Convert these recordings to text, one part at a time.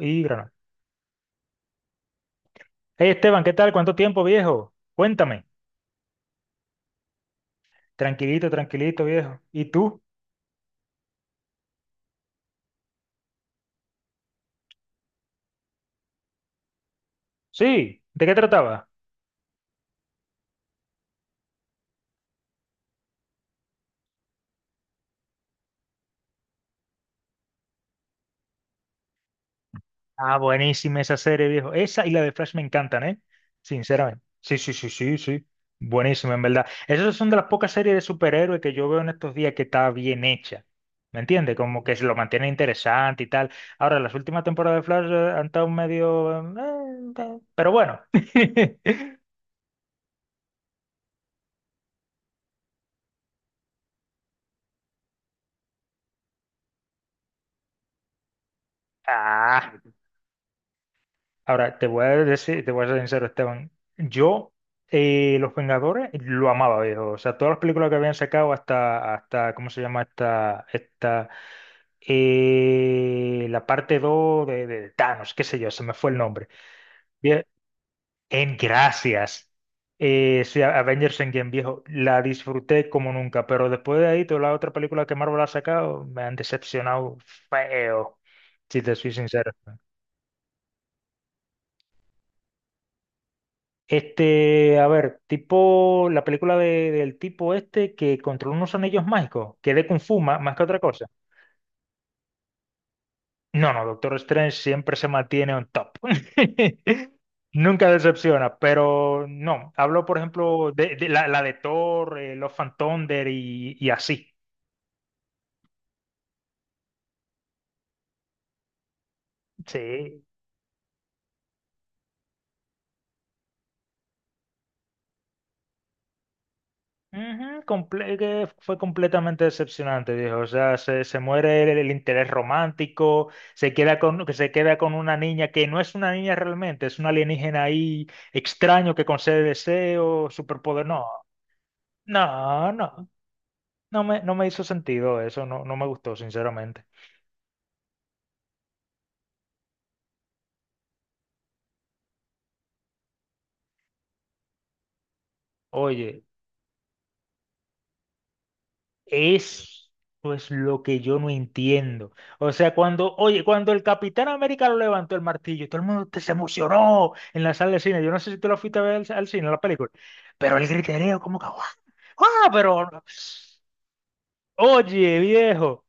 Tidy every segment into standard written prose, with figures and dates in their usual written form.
Y Granada. Hey Esteban, ¿qué tal? ¿Cuánto tiempo, viejo? Cuéntame. Tranquilito, tranquilito, viejo. ¿Y tú? Sí, ¿de qué trataba? Ah, buenísima esa serie, viejo. Esa y la de Flash me encantan, ¿eh? Sinceramente. Sí, sí, sí, sí, sí. Buenísima, en verdad. Esas son de las pocas series de superhéroes que yo veo en estos días que está bien hecha. ¿Me entiendes? Como que se lo mantiene interesante y tal. Ahora, las últimas temporadas de Flash han estado medio pero bueno. Ah, ahora, te voy a decir, te voy a ser sincero, Esteban. Yo, Los Vengadores, lo amaba, viejo. O sea, todas las películas que habían sacado hasta, hasta, ¿cómo se llama? La parte 2 de Thanos, qué sé yo, se me fue el nombre. Bien, en gracias. Sí, Avengers Endgame, viejo, la disfruté como nunca, pero después de ahí, todas las otras películas que Marvel ha sacado me han decepcionado feo, si te soy sincero. Este, a ver, tipo la película del tipo este que controla unos anillos mágicos, que es de Kung Fu más, que otra cosa. No, no, Doctor Strange siempre se mantiene on top. Nunca decepciona, pero no. Hablo, por ejemplo, de, la de Thor, los Love and Thunder y así. Sí. Ujú, que fue completamente decepcionante, viejo. O sea, se muere el interés romántico, se queda con, que se queda con una niña que no es una niña realmente, es un alienígena ahí extraño que concede deseos, superpoder. No, no, no, no me, no me hizo sentido eso, no, no me gustó, sinceramente. Oye, eso es pues, lo que yo no entiendo. O sea, cuando, oye, cuando el Capitán América lo levantó el martillo, todo el mundo se emocionó en la sala de cine. Yo no sé si tú lo fuiste a ver al, al cine, la película. Pero el griterío, como que, ¡guau! ¡Guau! Pero, oye, viejo.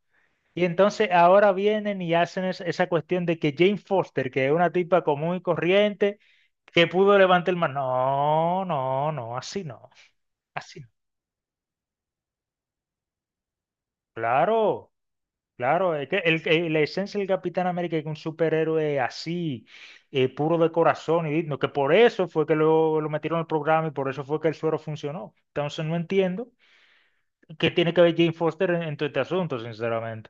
Y entonces ahora vienen y hacen esa cuestión de que Jane Foster, que es una tipa común y corriente, que pudo levantar el mar. No, no, no, así no, así no. Claro. Claro, es que el, la esencia del Capitán América es que un superhéroe así, puro de corazón y digno, que por eso fue que lo metieron al programa y por eso fue que el suero funcionó. Entonces no entiendo qué tiene que ver Jane Foster en todo este asunto, sinceramente.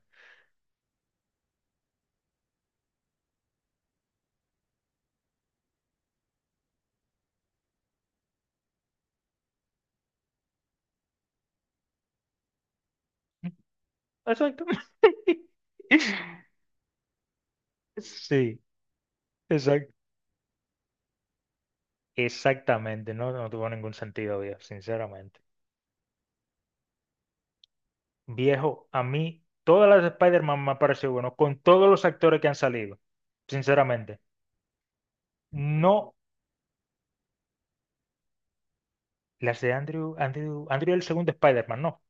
Exacto. Sí, exacto. Exactamente, no, no tuvo ningún sentido, viejo, sinceramente. Viejo, a mí todas las de Spider-Man me han parecido bueno, con todos los actores que han salido, sinceramente. No. Las de Andrew, Andrew el segundo Spider-Man, no.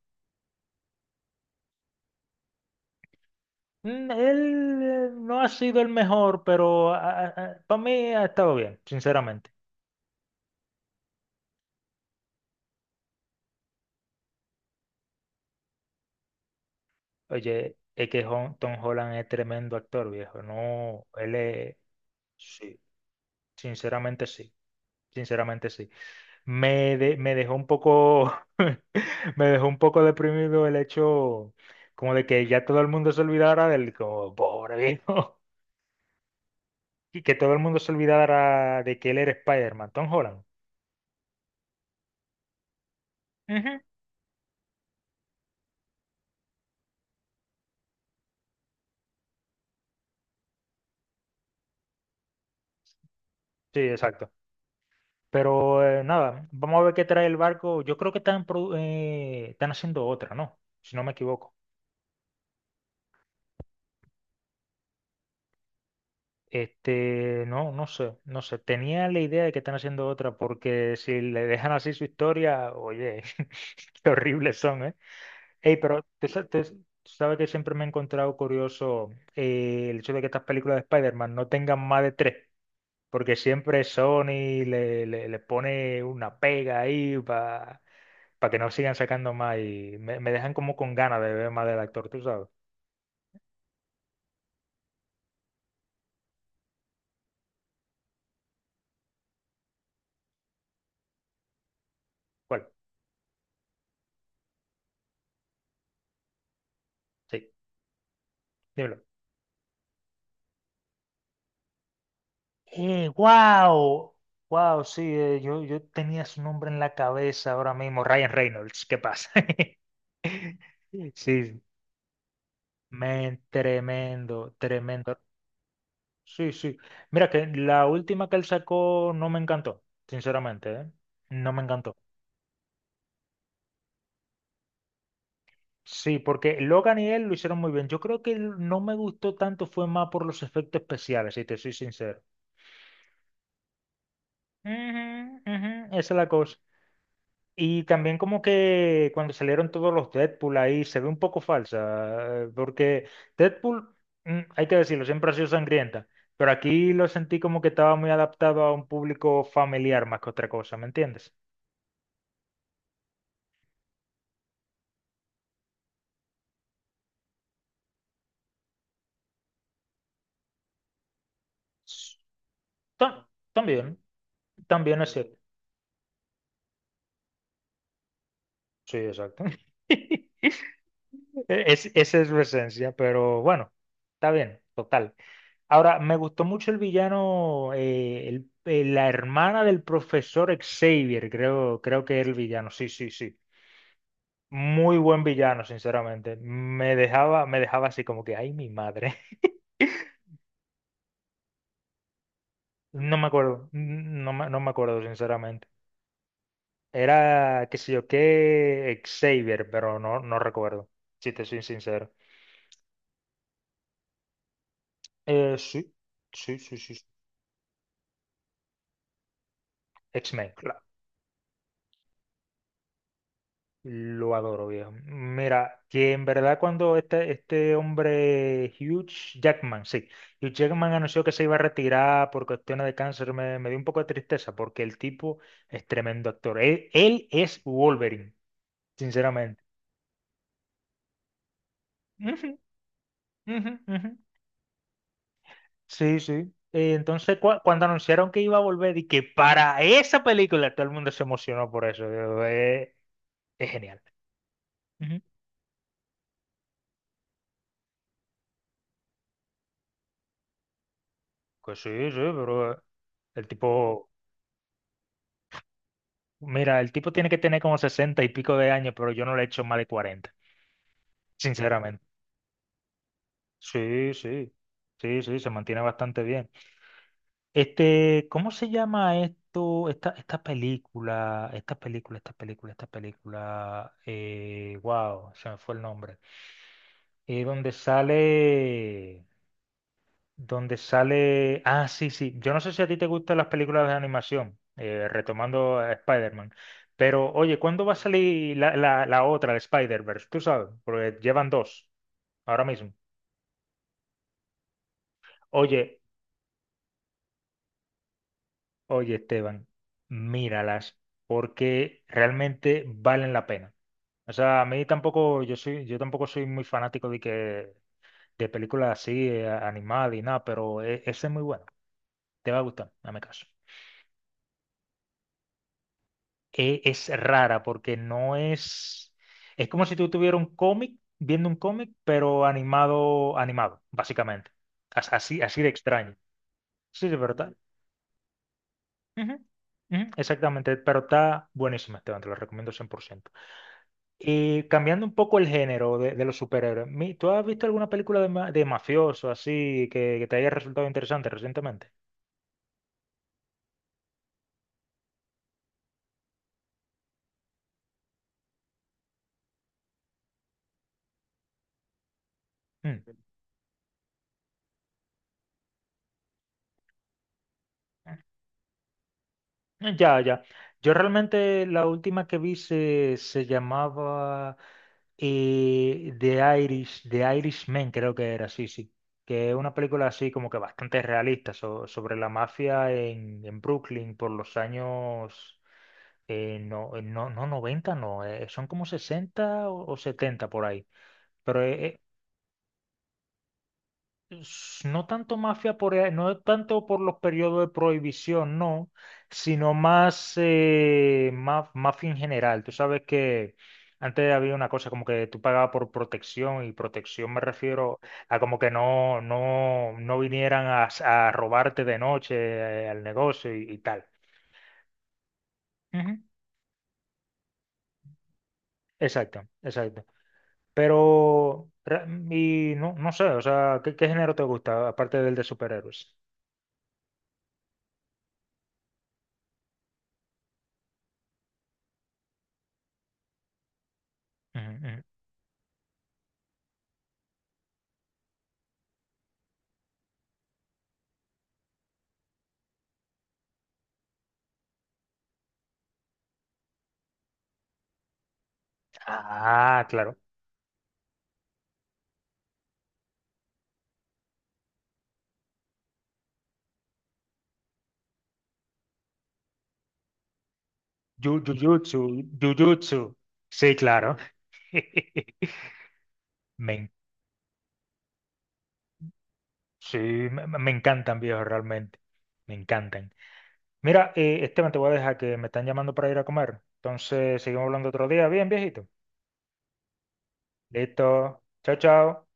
Mm, él no ha sido el mejor, pero para mí ha estado bien, sinceramente. Oye, es que Tom Holland es tremendo actor, viejo. No, él es... Sí, sinceramente sí. Sinceramente sí. Me, me dejó un poco... me dejó un poco deprimido el hecho como de que ya todo el mundo se olvidara del... Como, pobre viejo. Y que todo el mundo se olvidara de que él era Spider-Man, Tom Holland. Ujú. Sí, exacto. Pero nada, vamos a ver qué trae el barco. Yo creo que están, están haciendo otra, ¿no? Si no me equivoco. Este, no, no sé, no sé. Tenía la idea de que están haciendo otra, porque si le dejan así su historia, oye, qué horribles son, ¿eh? Ey, pero tú, tú sabes que siempre me he encontrado curioso el hecho de que estas películas de Spider-Man no tengan más de tres, porque siempre Sony le, le, le pone una pega ahí para que no sigan sacando más y me dejan como con ganas de ver más del actor, tú sabes. ¿Cuál? Sí, dímelo. Eh, wow, wow, sí, yo, yo tenía su nombre en la cabeza ahora mismo, Ryan Reynolds, ¿qué pasa? Sí, men, tremendo, tremendo. Sí, sí. Mira que la última que él sacó no me encantó, sinceramente, ¿eh? No me encantó. Sí, porque Logan y él lo hicieron muy bien. Yo creo que no me gustó tanto, fue más por los efectos especiales, si te soy sincero. Ujú, ujú, esa es la cosa. Y también como que cuando salieron todos los Deadpool ahí se ve un poco falsa, porque Deadpool, mm, hay que decirlo, siempre ha sido sangrienta, pero aquí lo sentí como que estaba muy adaptado a un público familiar más que otra cosa, ¿me entiendes? S- ta- También, también es cierto. Sí, exacto. Es, esa es su esencia, pero bueno, está bien, total. Ahora, me gustó mucho el villano, la hermana del profesor Xavier, creo, creo que era el villano, sí, sí, sí. Muy buen villano, sinceramente. Me dejaba así como que, ay, mi madre. No me acuerdo, no me, no me acuerdo, sinceramente. Era, qué sé yo, qué Xavier, pero no, no recuerdo, si te soy sincero. Sí, sí, sí, sí. Sí. X-Men, claro. Lo adoro, viejo. Mira, que en verdad cuando este hombre, Hugh Jackman, sí, Hugh Jackman anunció que se iba a retirar por cuestiones de cáncer, me dio un poco de tristeza porque el tipo es tremendo actor. Él es Wolverine, sinceramente. Ujú, ujú, ujú. Sí, sí. Entonces, cuando anunciaron que iba a volver y que para esa película todo el mundo se emocionó por eso, yo, es genial. Ujú. Pues sí, sí, pero el tipo... Mira, el tipo tiene que tener como 60 y pico de años, pero yo no le he hecho más de cuarenta. Sinceramente. Sí, sí, sí, sí, se mantiene bastante bien. Este, ¿cómo se llama esto? Esta película, esta película, esta película, esta película. Wow, se me fue el nombre. Donde sale. Donde sale. Ah, sí, sí. Yo no sé si a ti te gustan las películas de animación, retomando a Spider-Man. Pero, oye, ¿cuándo va a salir la, la, la otra, de Spider-Verse? Tú sabes, porque llevan dos ahora mismo. Oye, oye, Esteban, míralas, porque realmente valen la pena. O sea, a mí tampoco, yo soy, yo tampoco soy muy fanático de que de películas así, animadas y nada, pero esa es muy buena. Te va a gustar, dame caso. Es rara porque no es, es como si tú tuvieras un cómic, viendo un cómic, pero animado, animado, básicamente. Así, así de extraño. Sí, de verdad. Ujú, ujú, exactamente, pero está buenísima, Esteban, te lo recomiendo 100%. Y cambiando un poco el género de los superhéroes, ¿tú has visto alguna película de, de mafioso así que te haya resultado interesante recientemente? Mm. Ya, ya. Yo realmente la última que vi se, se llamaba The Irish, The Irishman, creo que era, sí, sí. Que es una película así como que bastante realista sobre la mafia en Brooklyn por los años, no 90, no, son como 60 o 70 por ahí. Pero es, no tanto mafia por, no tanto por los periodos de prohibición, no, sino más mafia en general. Tú sabes que antes había una cosa como que tú pagabas por protección y protección me refiero a como que no, no, no vinieran a, a robarte de noche al negocio y tal. Ujú. Exacto, exacto. Pero, y no, no sé, o sea, ¿qué, qué género te gusta aparte del de superhéroes? Ujú, ujú. Ah, claro. Jujutsu, Jujutsu. Sí, claro. Me, sí, me encantan, viejo, realmente. Me encantan. Mira, Esteban, te voy a dejar que me están llamando para ir a comer. Entonces, seguimos hablando otro día. Bien, viejito. Listo. Chao, chao.